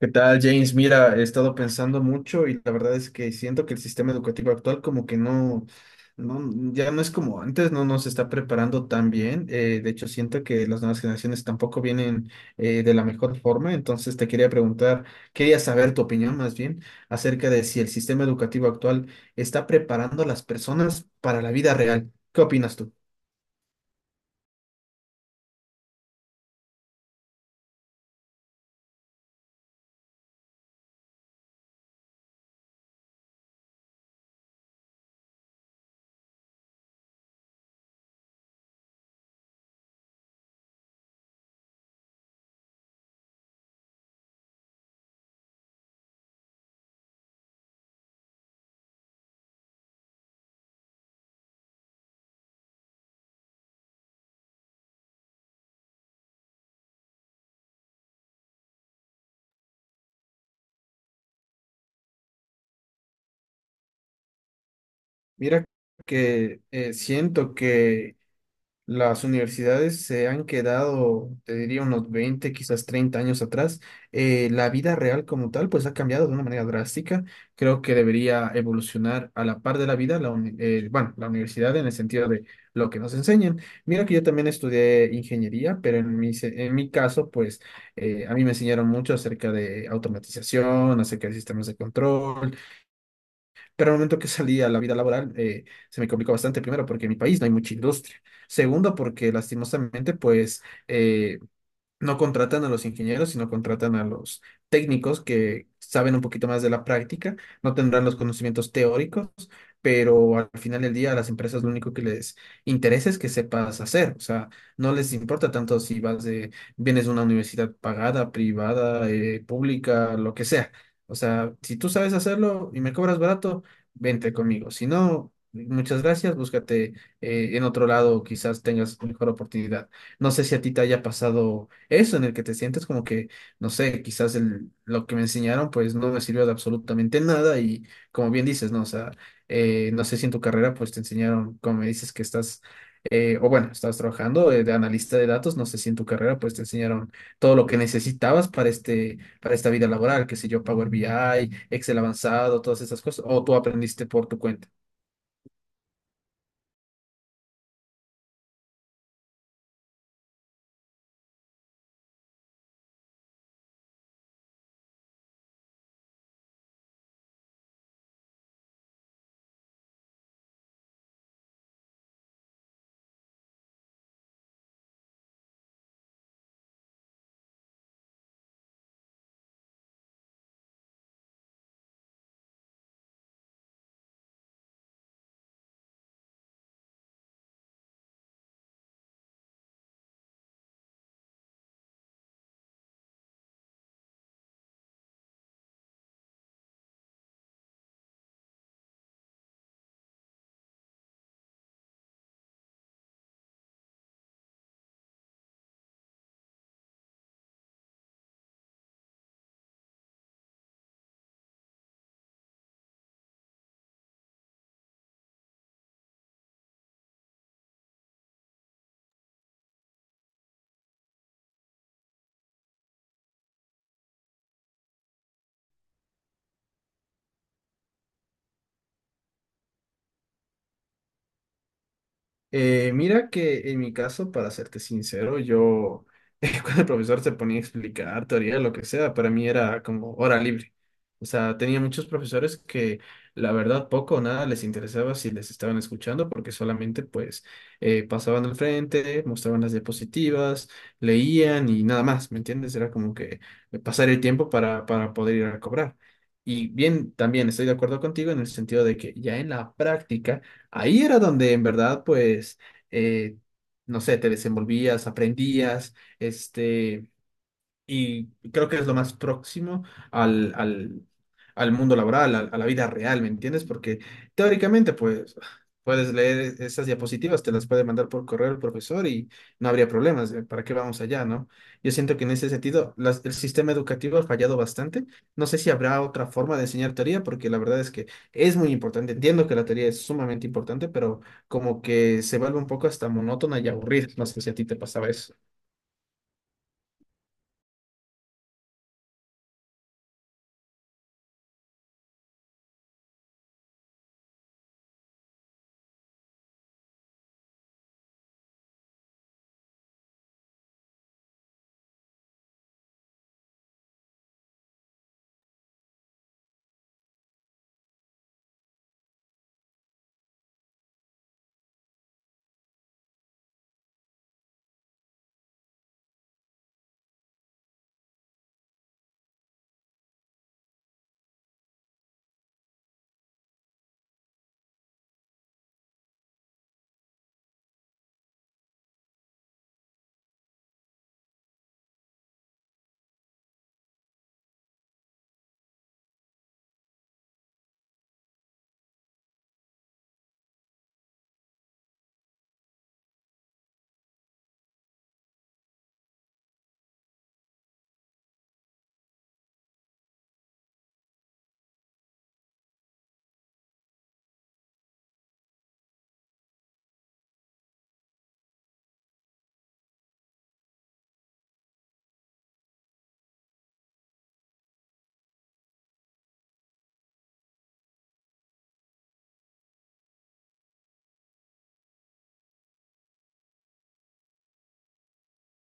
¿Qué tal, James? Mira, he estado pensando mucho y la verdad es que siento que el sistema educativo actual como que no, no ya no es como antes, no nos está preparando tan bien. De hecho, siento que las nuevas generaciones tampoco vienen de la mejor forma. Entonces, te quería preguntar, quería saber tu opinión más bien acerca de si el sistema educativo actual está preparando a las personas para la vida real. ¿Qué opinas tú? Mira que siento que las universidades se han quedado, te diría, unos 20 quizás 30 años atrás. La vida real como tal, pues ha cambiado de una manera drástica. Creo que debería evolucionar a la par de la vida, bueno, la universidad en el sentido de lo que nos enseñan. Mira que yo también estudié ingeniería, pero en mi caso, pues a mí me enseñaron mucho acerca de automatización, acerca de sistemas de control, pero al momento que salí a la vida laboral, se me complicó bastante, primero, porque en mi país no hay mucha industria. Segundo, porque lastimosamente, pues, eh, no contratan a los ingenieros, sino contratan a los técnicos que saben un poquito más de la práctica, no tendrán los conocimientos teóricos, pero al final del día a las empresas lo único que les interesa es que sepas hacer, o sea, no les importa tanto si vienes de una universidad pagada, privada, pública, lo que sea. O sea, si tú sabes hacerlo y me cobras barato, vente conmigo. Si no, muchas gracias, búscate en otro lado, quizás tengas mejor oportunidad. No sé si a ti te haya pasado eso, en el que te sientes como que, no sé, quizás lo que me enseñaron pues no me sirvió de absolutamente nada y como bien dices, ¿no? O sea, no sé si en tu carrera pues te enseñaron, como me dices que estás, o bueno, estás trabajando de analista de datos, no sé si en tu carrera pues te enseñaron todo lo que necesitabas para esta vida laboral, qué sé yo, Power BI, Excel avanzado, todas esas cosas, o tú aprendiste por tu cuenta. Mira que en mi caso, para serte sincero, yo cuando el profesor se ponía a explicar teoría, lo que sea, para mí era como hora libre. O sea, tenía muchos profesores que la verdad poco o nada les interesaba si les estaban escuchando porque solamente pues pasaban al frente, mostraban las diapositivas, leían y nada más, ¿me entiendes? Era como que pasar el tiempo para poder ir a cobrar. Y bien, también estoy de acuerdo contigo en el sentido de que ya en la práctica, ahí era donde en verdad, pues, eh, no sé, te desenvolvías, aprendías, este y creo que es lo más próximo al, al, al mundo laboral, a la vida real, ¿me entiendes? Porque teóricamente, pues, puedes leer esas diapositivas, te las puede mandar por correo el profesor y no habría problemas. ¿Eh? ¿Para qué vamos allá, no? Yo siento que en ese sentido el sistema educativo ha fallado bastante. No sé si habrá otra forma de enseñar teoría, porque la verdad es que es muy importante. Entiendo que la teoría es sumamente importante, pero como que se vuelve un poco hasta monótona y aburrida. No sé si a ti te pasaba eso.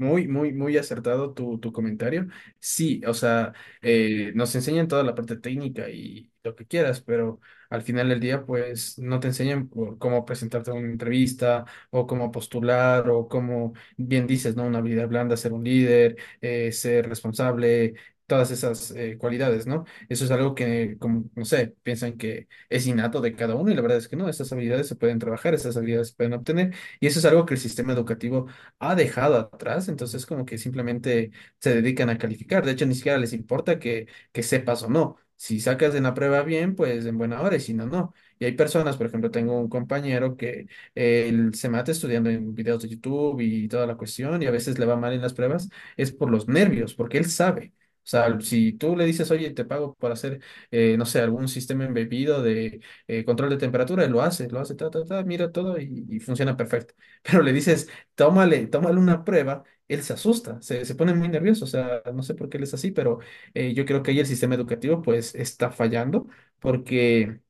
Muy, muy, muy acertado tu comentario. Sí, o sea, nos enseñan toda la parte técnica y lo que quieras, pero al final del día, pues no te enseñan por cómo presentarte a una entrevista o cómo postular o cómo, bien dices, ¿no? Una habilidad blanda, ser un líder, ser responsable, todas esas cualidades, ¿no? Eso es algo que, como, no sé, piensan que es innato de cada uno y la verdad es que no, esas habilidades se pueden trabajar, esas habilidades se pueden obtener y eso es algo que el sistema educativo ha dejado atrás, entonces como que simplemente se dedican a calificar. De hecho, ni siquiera les importa que sepas o no. Si sacas en la prueba bien, pues en buena hora, y si no, no. Y hay personas, por ejemplo, tengo un compañero que él se mata estudiando en videos de YouTube y toda la cuestión, y a veces le va mal en las pruebas, es por los nervios, porque él sabe. O sea, si tú le dices, oye, te pago por hacer, no sé, algún sistema embebido de control de temperatura, él lo hace, ta, ta, ta, mira todo y funciona perfecto. Pero le dices, tómale, tómale una prueba, él se asusta, se pone muy nervioso, o sea, no sé por qué él es así, pero yo creo que ahí el sistema educativo pues está fallando porque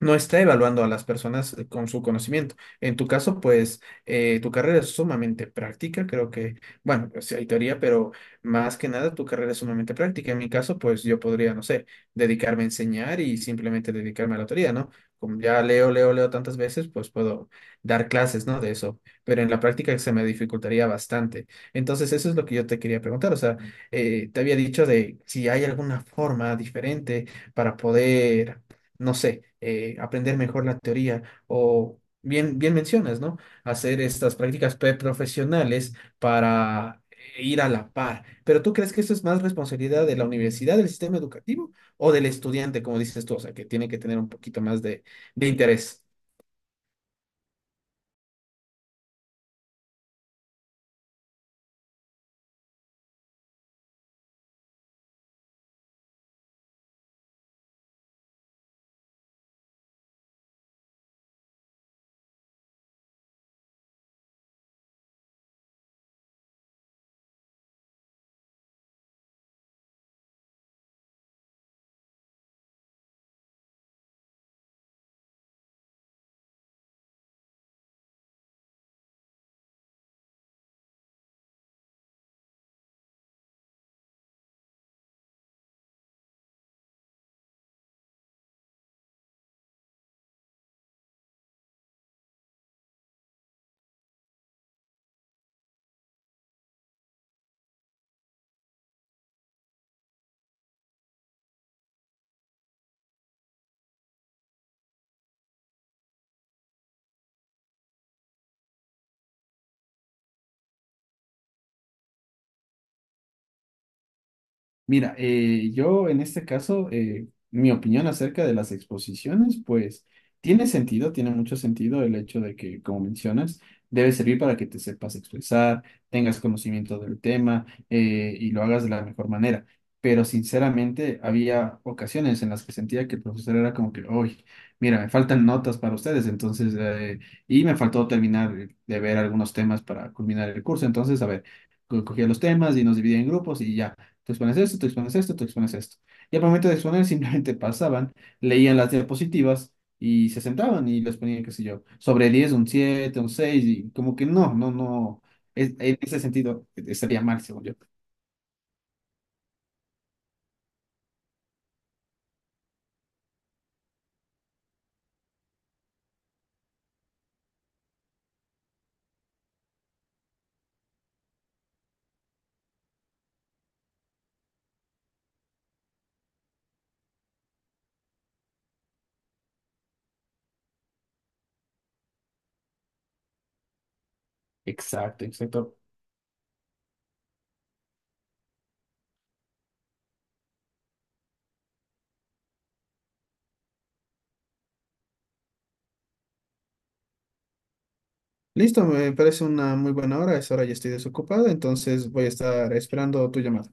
no está evaluando a las personas con su conocimiento. En tu caso, pues tu carrera es sumamente práctica, creo que, bueno, pues sí hay teoría, pero más que nada tu carrera es sumamente práctica. En mi caso, pues yo podría, no sé, dedicarme a enseñar y simplemente dedicarme a la teoría, ¿no? Como ya leo, leo, leo tantas veces, pues puedo dar clases, ¿no? De eso. Pero en la práctica se me dificultaría bastante. Entonces, eso es lo que yo te quería preguntar. O sea, te había dicho de si hay alguna forma diferente para poder, no sé, aprender mejor la teoría o... Bien, bien mencionas, ¿no? Hacer estas prácticas preprofesionales para ir a la par. Pero ¿tú crees que esto es más responsabilidad de la universidad, del sistema educativo o del estudiante, como dices tú? O sea, que tiene que tener un poquito más de interés. Mira, yo en este caso, mi opinión acerca de las exposiciones, pues tiene sentido, tiene mucho sentido el hecho de que, como mencionas, debe servir para que te sepas expresar, tengas conocimiento del tema y lo hagas de la mejor manera. Pero sinceramente, había ocasiones en las que sentía que el profesor era como que, uy, mira, me faltan notas para ustedes, entonces, y me faltó terminar de ver algunos temas para culminar el curso. Entonces, a ver, cogía los temas y nos dividía en grupos y ya. Tú expones esto, tú expones esto, tú expones esto. Y al momento de exponer, simplemente pasaban, leían las diapositivas y se sentaban y les ponían, qué sé yo, sobre 10 un 7 un 6 y como que no, no, no. En ese sentido, estaría mal, según yo. Exacto, exacto. Listo, me parece una muy buena hora. A esa hora ya estoy desocupado, entonces voy a estar esperando tu llamada.